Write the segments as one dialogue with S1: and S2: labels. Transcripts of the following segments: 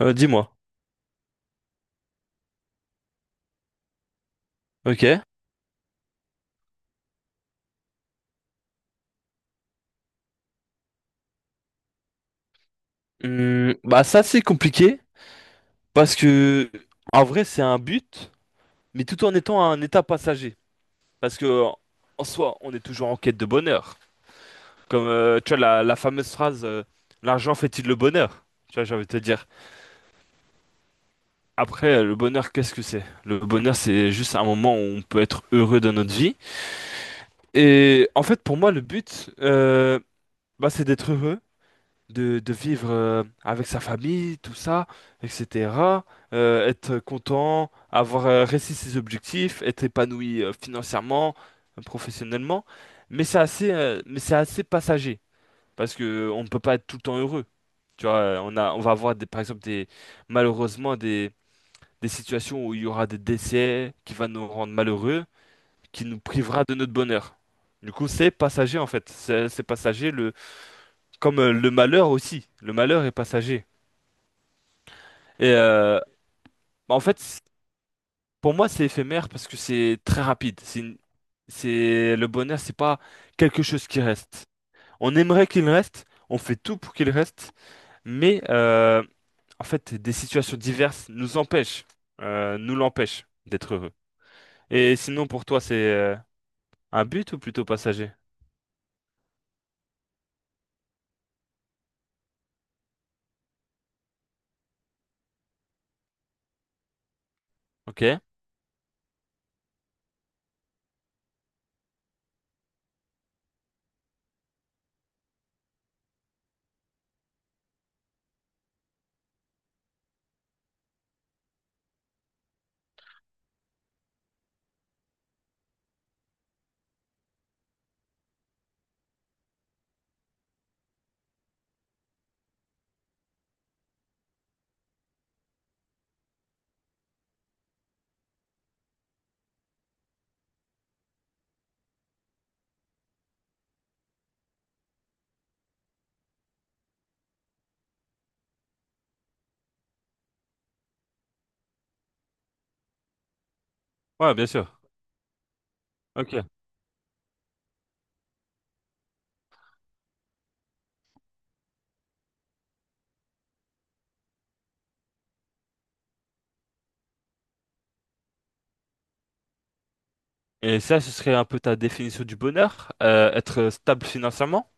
S1: Dis-moi. Ok. Bah ça c'est compliqué parce que en vrai c'est un but, mais tout en étant un état passager. Parce que en soi on est toujours en quête de bonheur. Comme tu vois la fameuse phrase l'argent fait-il le bonheur? Tu vois j'ai envie de te dire. Après le bonheur qu'est-ce que c'est? Le bonheur c'est juste un moment où on peut être heureux dans notre vie. Et en fait pour moi le but bah, c'est d'être heureux de vivre avec sa famille, tout ça, etc., être content, avoir réussi ses objectifs, être épanoui financièrement, professionnellement. Mais c'est assez passager parce que on ne peut pas être tout le temps heureux. Tu vois, on va avoir des, par exemple des, malheureusement des situations où il y aura des décès qui va nous rendre malheureux, qui nous privera de notre bonheur. Du coup, c'est passager en fait. C'est passager le, comme le malheur aussi. Le malheur est passager. Et bah, en fait, pour moi, c'est éphémère parce que c'est très rapide. C'est le bonheur, c'est pas quelque chose qui reste. On aimerait qu'il reste, on fait tout pour qu'il reste, mais en fait, des situations diverses nous empêchent, nous l'empêchent d'être heureux. Et sinon, pour toi, c'est un but ou plutôt passager? Ok. Ouais, bien sûr. Ok. Et ça, ce serait un peu ta définition du bonheur, être stable financièrement.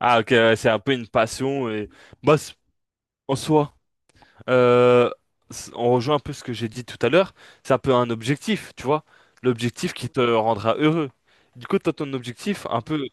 S1: Ah, ok, ouais, c'est un peu une passion et bah, en soi. Euh, on rejoint un peu ce que j'ai dit tout à l'heure, c'est un peu un objectif, tu vois, l'objectif qui te rendra heureux. Du coup, t'as ton objectif un peu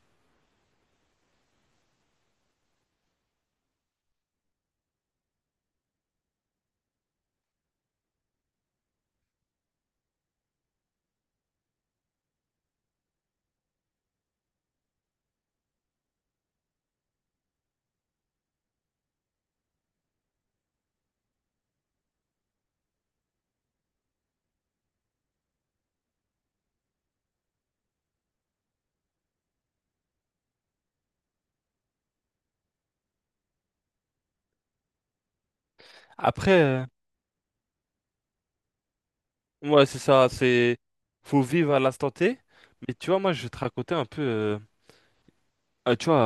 S1: après, ouais, c'est ça, c'est faut vivre à l'instant T, mais tu vois, moi, je vais te raconter un peu, tu vois,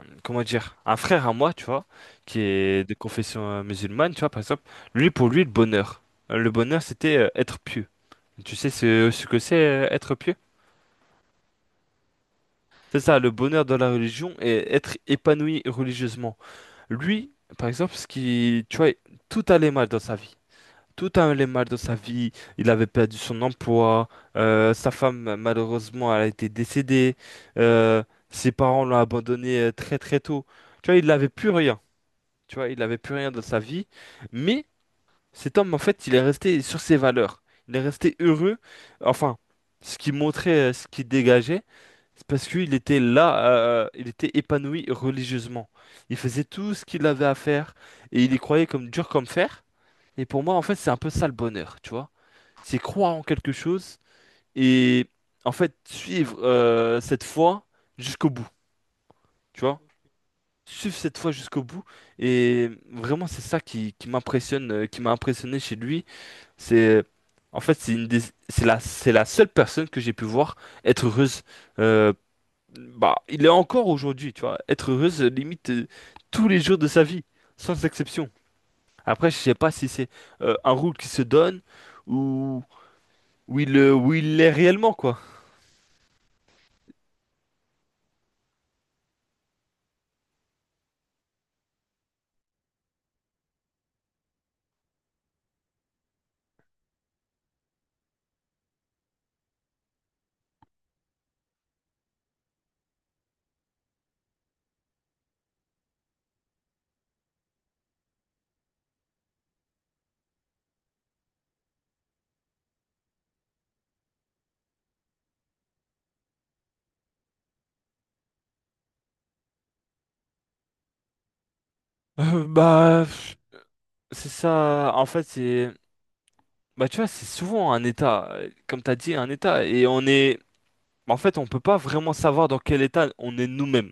S1: comment dire, un frère à moi, tu vois, qui est de confession musulmane, tu vois, par exemple, lui, pour lui, le bonheur, c'était être pieux. Tu sais ce que c'est être pieux? C'est ça, le bonheur dans la religion et être épanoui religieusement. Lui, par exemple, ce qui, tu vois, tout allait mal dans sa vie. Tout allait mal dans sa vie. Il avait perdu son emploi. Sa femme, malheureusement, elle a été décédée. euh, Ses parents l'ont abandonné très très tôt. Tu vois, il n'avait plus rien. Tu vois, il n'avait plus rien dans sa vie. Mais cet homme, en fait, il est resté sur ses valeurs. Il est resté heureux. Enfin, ce qui montrait, ce qui dégageait. C'est parce qu'il était là, il était épanoui religieusement. Il faisait tout ce qu'il avait à faire et il y croyait comme dur comme fer. Et pour moi, en fait, c'est un peu ça le bonheur, tu vois. C'est croire en quelque chose et en fait suivre cette foi jusqu'au bout, tu vois. Suivre cette foi jusqu'au bout. Et vraiment, c'est ça qui m'impressionne, qui m'a impressionné chez lui. C'est en fait, c'est la seule personne que j'ai pu voir être heureuse euh, bah, il est encore aujourd'hui, tu vois. Être heureux, c'est limite tous les jours de sa vie, sans exception. Après, je sais pas si c'est un rôle qui se donne ou où il l'est réellement, quoi. Bah, pff, c'est ça. En fait, c'est. Bah, tu vois, c'est souvent un état, comme t'as dit, un état. Et on est. En fait, on peut pas vraiment savoir dans quel état on est nous-mêmes,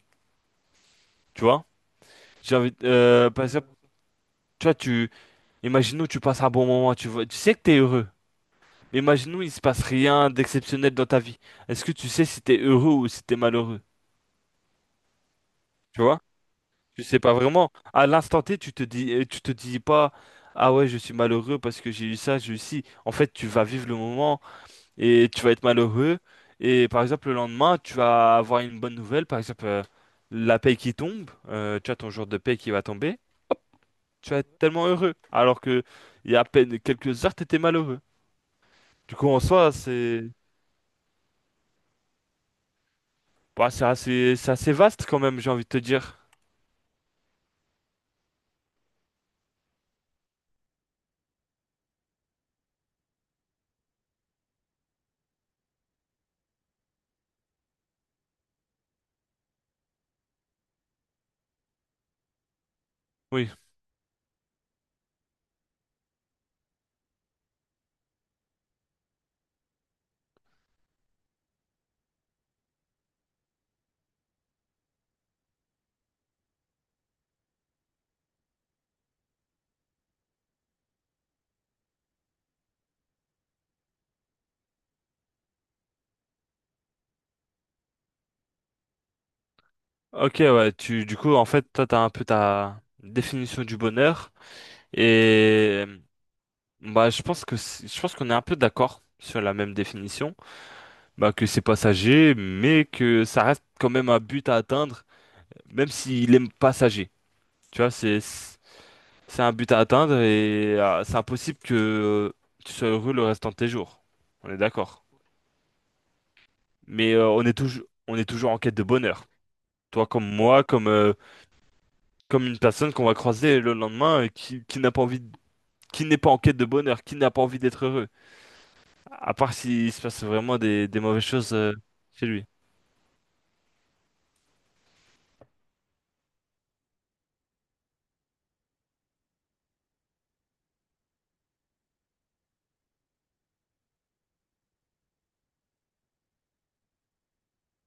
S1: tu vois. Par exemple, tu vois, tu. Imaginons, tu passes un bon moment, tu vois, tu sais que t'es heureux. Imaginons, il se passe rien d'exceptionnel dans ta vie. Est-ce que tu sais si t'es heureux ou si t'es malheureux? Tu vois? Tu sais pas vraiment. À l'instant T, tu te dis pas, ah ouais, je suis malheureux parce que j'ai eu ça, j'ai eu ci. En fait, tu vas vivre le moment et tu vas être malheureux. Et par exemple, le lendemain, tu vas avoir une bonne nouvelle, par exemple, la paye qui tombe, tu as ton jour de paye qui va tomber. Hop, tu vas être tellement heureux. Alors que il y a à peine quelques heures, t'étais malheureux. Du coup, en soi, c'est bah, c'est assez vaste quand même, j'ai envie de te dire. Oui. Ok, ouais, tu, du coup, en fait, toi, t'as un peu ta définition du bonheur. Et, bah, je pense que, je pense qu'on est un peu d'accord sur la même définition. Bah, que c'est passager, mais que ça reste quand même un but à atteindre, même s'il est passager. Tu vois, c'est un but à atteindre et c'est impossible que tu sois heureux le restant de tes jours. On est d'accord. Mais on est toujours en quête de bonheur. Toi comme moi, comme une personne qu'on va croiser le lendemain et qui n'a pas envie de- qui n'est pas en quête de bonheur, qui n'a pas envie d'être heureux. À part s'il se passe vraiment des mauvaises choses chez lui.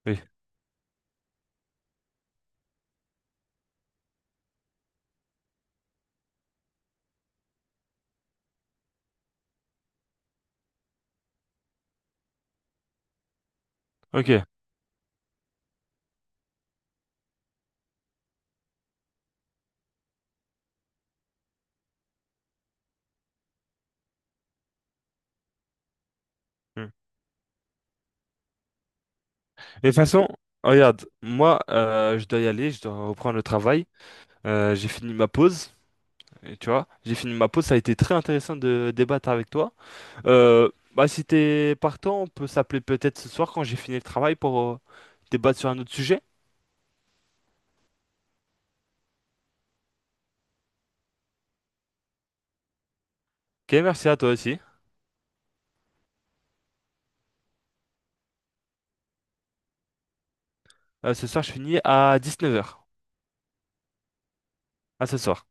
S1: Oui. Ok. Hmm. De toute façon, regarde, moi, je dois y aller, je dois reprendre le travail. J'ai fini ma pause, et tu vois, j'ai fini ma pause. Ça a été très intéressant de débattre avec toi. Bah, si t'es partant, on peut s'appeler peut-être ce soir quand j'ai fini le travail pour débattre sur un autre sujet. Ok, merci à toi aussi. Ce soir, je finis à 19h. À ce soir.